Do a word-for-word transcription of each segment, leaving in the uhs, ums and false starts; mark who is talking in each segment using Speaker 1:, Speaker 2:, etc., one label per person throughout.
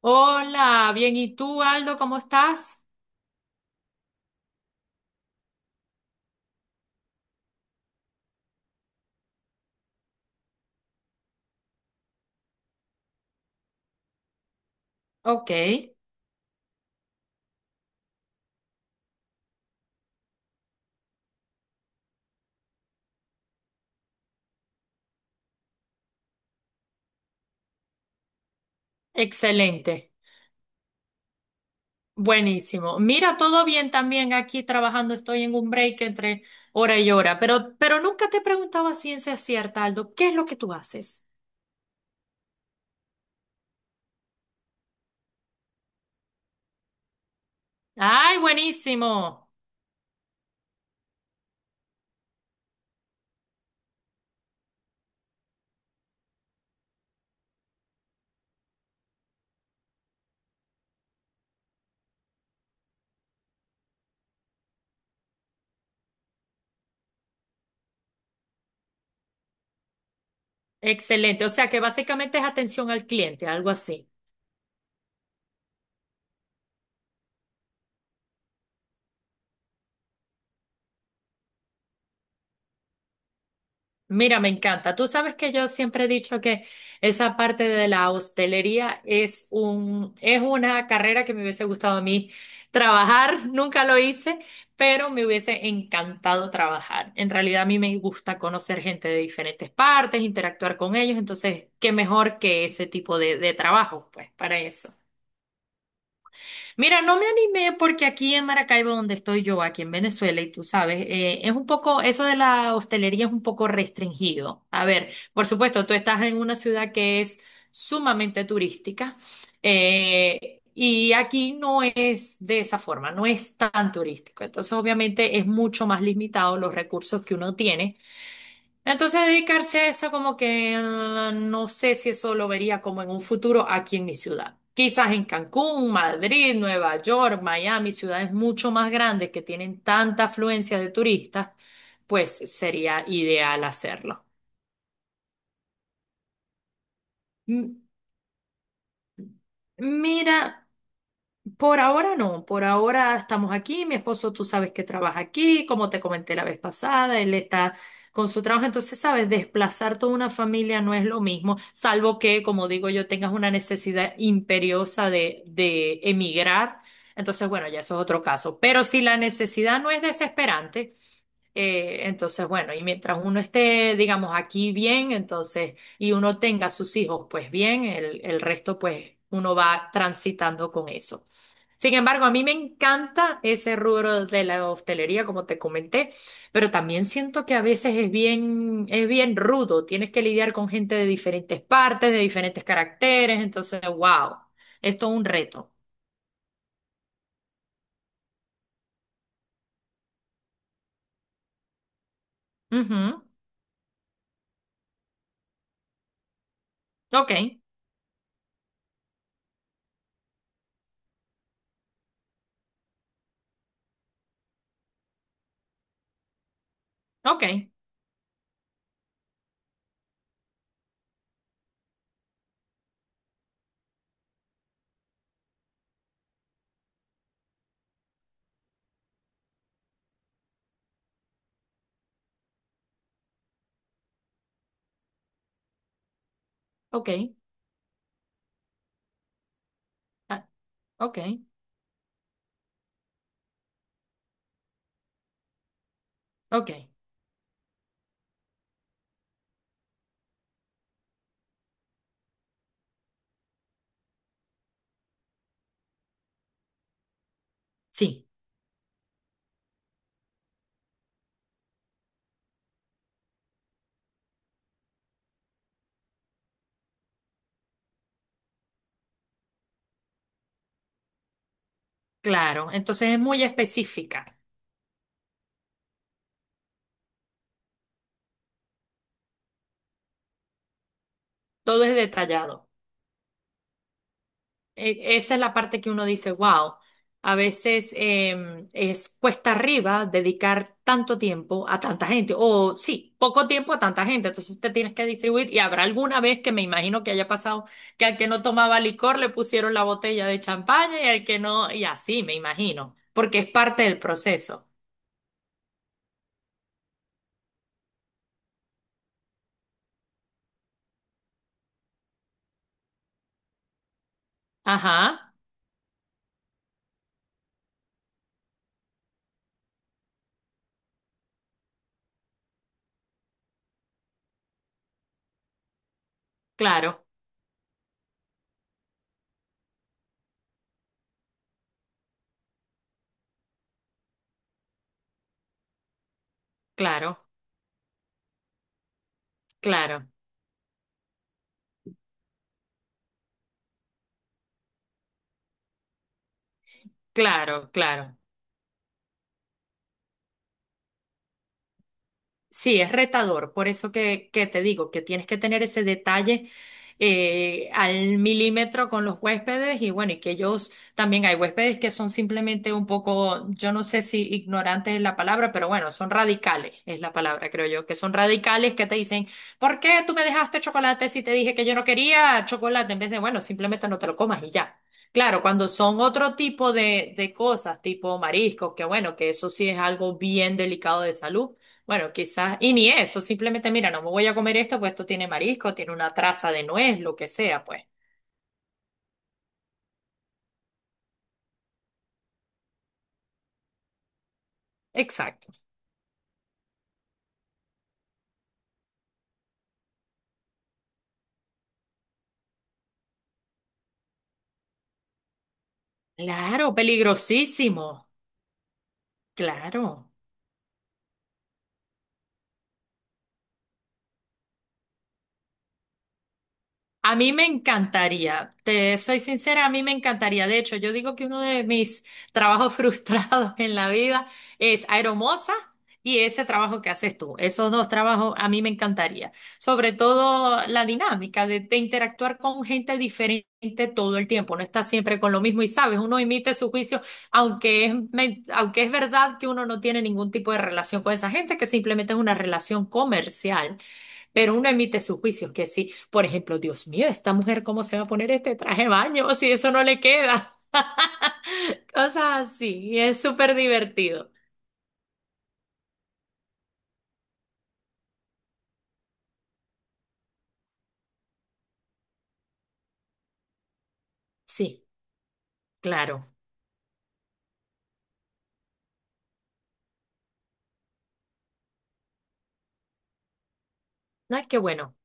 Speaker 1: Hola, bien. ¿Y tú, Aldo, cómo estás? Ok, excelente. Buenísimo. Mira, todo bien también aquí trabajando. Estoy en un break entre hora y hora, pero, pero nunca te he preguntado a ciencia cierta, Aldo, ¿qué es lo que tú haces? Ay, buenísimo. Excelente. O sea que básicamente es atención al cliente, algo así. Mira, me encanta. Tú sabes que yo siempre he dicho que esa parte de la hostelería es un, es una carrera que me hubiese gustado a mí trabajar. Nunca lo hice, pero me hubiese encantado trabajar. En realidad a mí me gusta conocer gente de diferentes partes, interactuar con ellos. Entonces, qué mejor que ese tipo de, de trabajo, pues, para eso. Mira, no me animé porque aquí en Maracaibo, donde estoy yo, aquí en Venezuela, y tú sabes, eh, es un poco, eso de la hostelería es un poco restringido. A ver, por supuesto, tú estás en una ciudad que es sumamente turística, eh, y aquí no es de esa forma, no es tan turístico. Entonces, obviamente, es mucho más limitado los recursos que uno tiene, entonces dedicarse a eso como que ah, no sé si eso lo vería como en un futuro aquí en mi ciudad. Quizás en Cancún, Madrid, Nueva York, Miami, ciudades mucho más grandes que tienen tanta afluencia de turistas, pues sería ideal hacerlo. M- Mira. Por ahora no, por ahora estamos aquí, mi esposo tú sabes que trabaja aquí, como te comenté la vez pasada, él está con su trabajo, entonces sabes, desplazar toda una familia no es lo mismo, salvo que, como digo yo, tengas una necesidad imperiosa de, de emigrar, entonces bueno, ya eso es otro caso, pero si la necesidad no es desesperante, eh, entonces bueno, y mientras uno esté, digamos, aquí bien, entonces, y uno tenga sus hijos, pues bien, el, el resto pues uno va transitando con eso. Sin embargo, a mí me encanta ese rubro de la hostelería, como te comenté, pero también siento que a veces es bien, es bien rudo. Tienes que lidiar con gente de diferentes partes, de diferentes caracteres. Entonces, wow, es todo un reto. Ujú. Ok, ok, ok, ah, ok, ok. Sí, claro. Entonces es muy específica. Todo es detallado. e- Esa es la parte que uno dice, wow, a veces em, es cuesta arriba dedicar tanto tiempo a tanta gente, o sí, poco tiempo a tanta gente, entonces te tienes que distribuir y habrá alguna vez que me imagino que haya pasado que al que no tomaba licor le pusieron la botella de champaña y al que no, y así me imagino, porque es parte del proceso. Ajá, claro, claro, claro, claro, claro. Sí, es retador, por eso que, que te digo que tienes que tener ese detalle eh, al milímetro con los huéspedes y bueno, y que ellos también hay huéspedes que son simplemente un poco, yo no sé si ignorantes es la palabra, pero bueno, son radicales, es la palabra, creo yo, que son radicales que te dicen, ¿por qué tú me dejaste chocolate si te dije que yo no quería chocolate? En vez de, bueno, simplemente no te lo comas y ya. Claro, cuando son otro tipo de, de cosas, tipo mariscos, que bueno, que eso sí es algo bien delicado de salud. Bueno, quizás, y ni eso, simplemente, mira, no me voy a comer esto, pues esto tiene marisco, tiene una traza de nuez, lo que sea, pues. Exacto. Claro, peligrosísimo. Claro. A mí me encantaría, te soy sincera, a mí me encantaría. De hecho, yo digo que uno de mis trabajos frustrados en la vida es aeromoza y ese trabajo que haces tú. Esos dos trabajos a mí me encantaría. Sobre todo la dinámica de, de interactuar con gente diferente todo el tiempo. No estás siempre con lo mismo y sabes, uno emite su juicio, aunque es, men- aunque es verdad que uno no tiene ningún tipo de relación con esa gente, que simplemente es una relación comercial. Pero uno emite sus juicios, que sí, por ejemplo, Dios mío, esta mujer, ¿cómo se va a poner este traje de baño si eso no le queda? Cosas así, y es súper divertido. Sí, claro. Ay, qué bueno.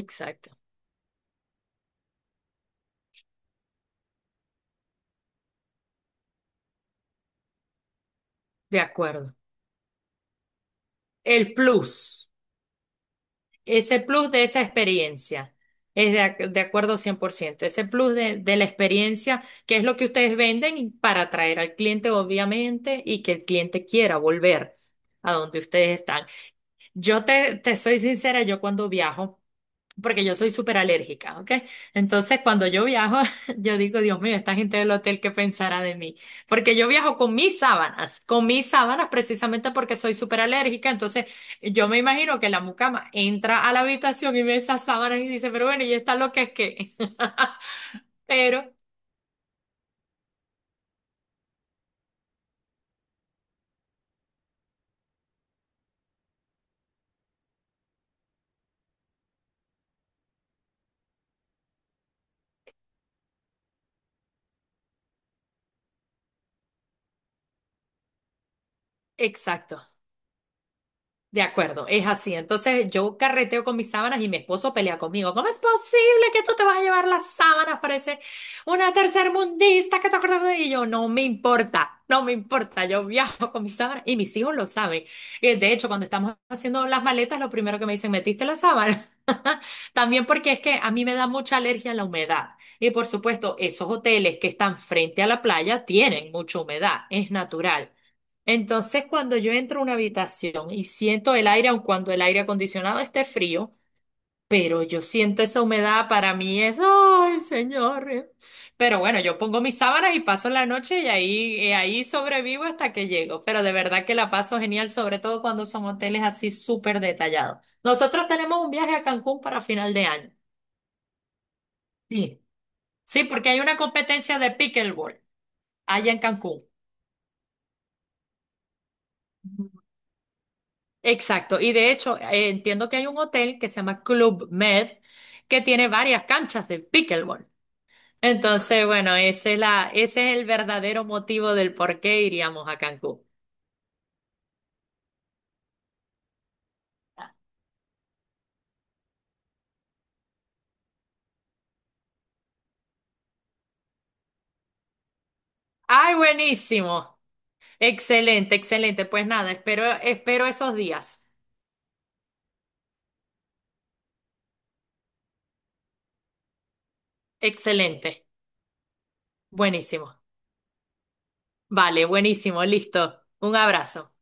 Speaker 1: Exacto, de acuerdo. El plus, ese plus de esa experiencia, es de, ac- de acuerdo cien por ciento. Ese plus de, de la experiencia, que es lo que ustedes venden y para atraer al cliente, obviamente, y que el cliente quiera volver a donde ustedes están. Yo te, te soy sincera, yo cuando viajo, porque yo soy súper alérgica, ¿ok? Entonces, cuando yo viajo, yo digo, Dios mío, esta gente del hotel, ¿qué pensará de mí? Porque yo viajo con mis sábanas, con mis sábanas precisamente porque soy súper alérgica, entonces yo me imagino que la mucama entra a la habitación y ve esas sábanas y dice, pero bueno, ¿y esta lo que es que Pero, exacto. De acuerdo, es así. Entonces yo carreteo con mis sábanas y mi esposo pelea conmigo. ¿Cómo es posible que tú te vas a llevar las sábanas? Parece una tercermundista que te acuerdas de ello. No me importa, no me importa. Yo viajo con mis sábanas y mis hijos lo saben. Eh, De hecho, cuando estamos haciendo las maletas, lo primero que me dicen, ¿metiste la sábana? También porque es que a mí me da mucha alergia a la humedad. Y por supuesto, esos hoteles que están frente a la playa tienen mucha humedad, es natural. Entonces, cuando yo entro a una habitación y siento el aire, aun cuando el aire acondicionado esté frío, pero yo siento esa humedad, para mí es, ay, señor. Pero bueno, yo pongo mis sábanas y paso la noche y ahí, y ahí sobrevivo hasta que llego. Pero de verdad que la paso genial, sobre todo cuando son hoteles así súper detallados. Nosotros tenemos un viaje a Cancún para final de año. Sí. Sí, porque hay una competencia de pickleball allá en Cancún. Exacto, y de hecho eh, entiendo que hay un hotel que se llama Club Med que tiene varias canchas de pickleball. Entonces, bueno, ese es la, ese es el verdadero motivo del por qué iríamos a Cancún. ¡Ay, buenísimo! Excelente, excelente. Pues nada, espero, espero esos días. Excelente, buenísimo. Vale, buenísimo, listo. Un abrazo.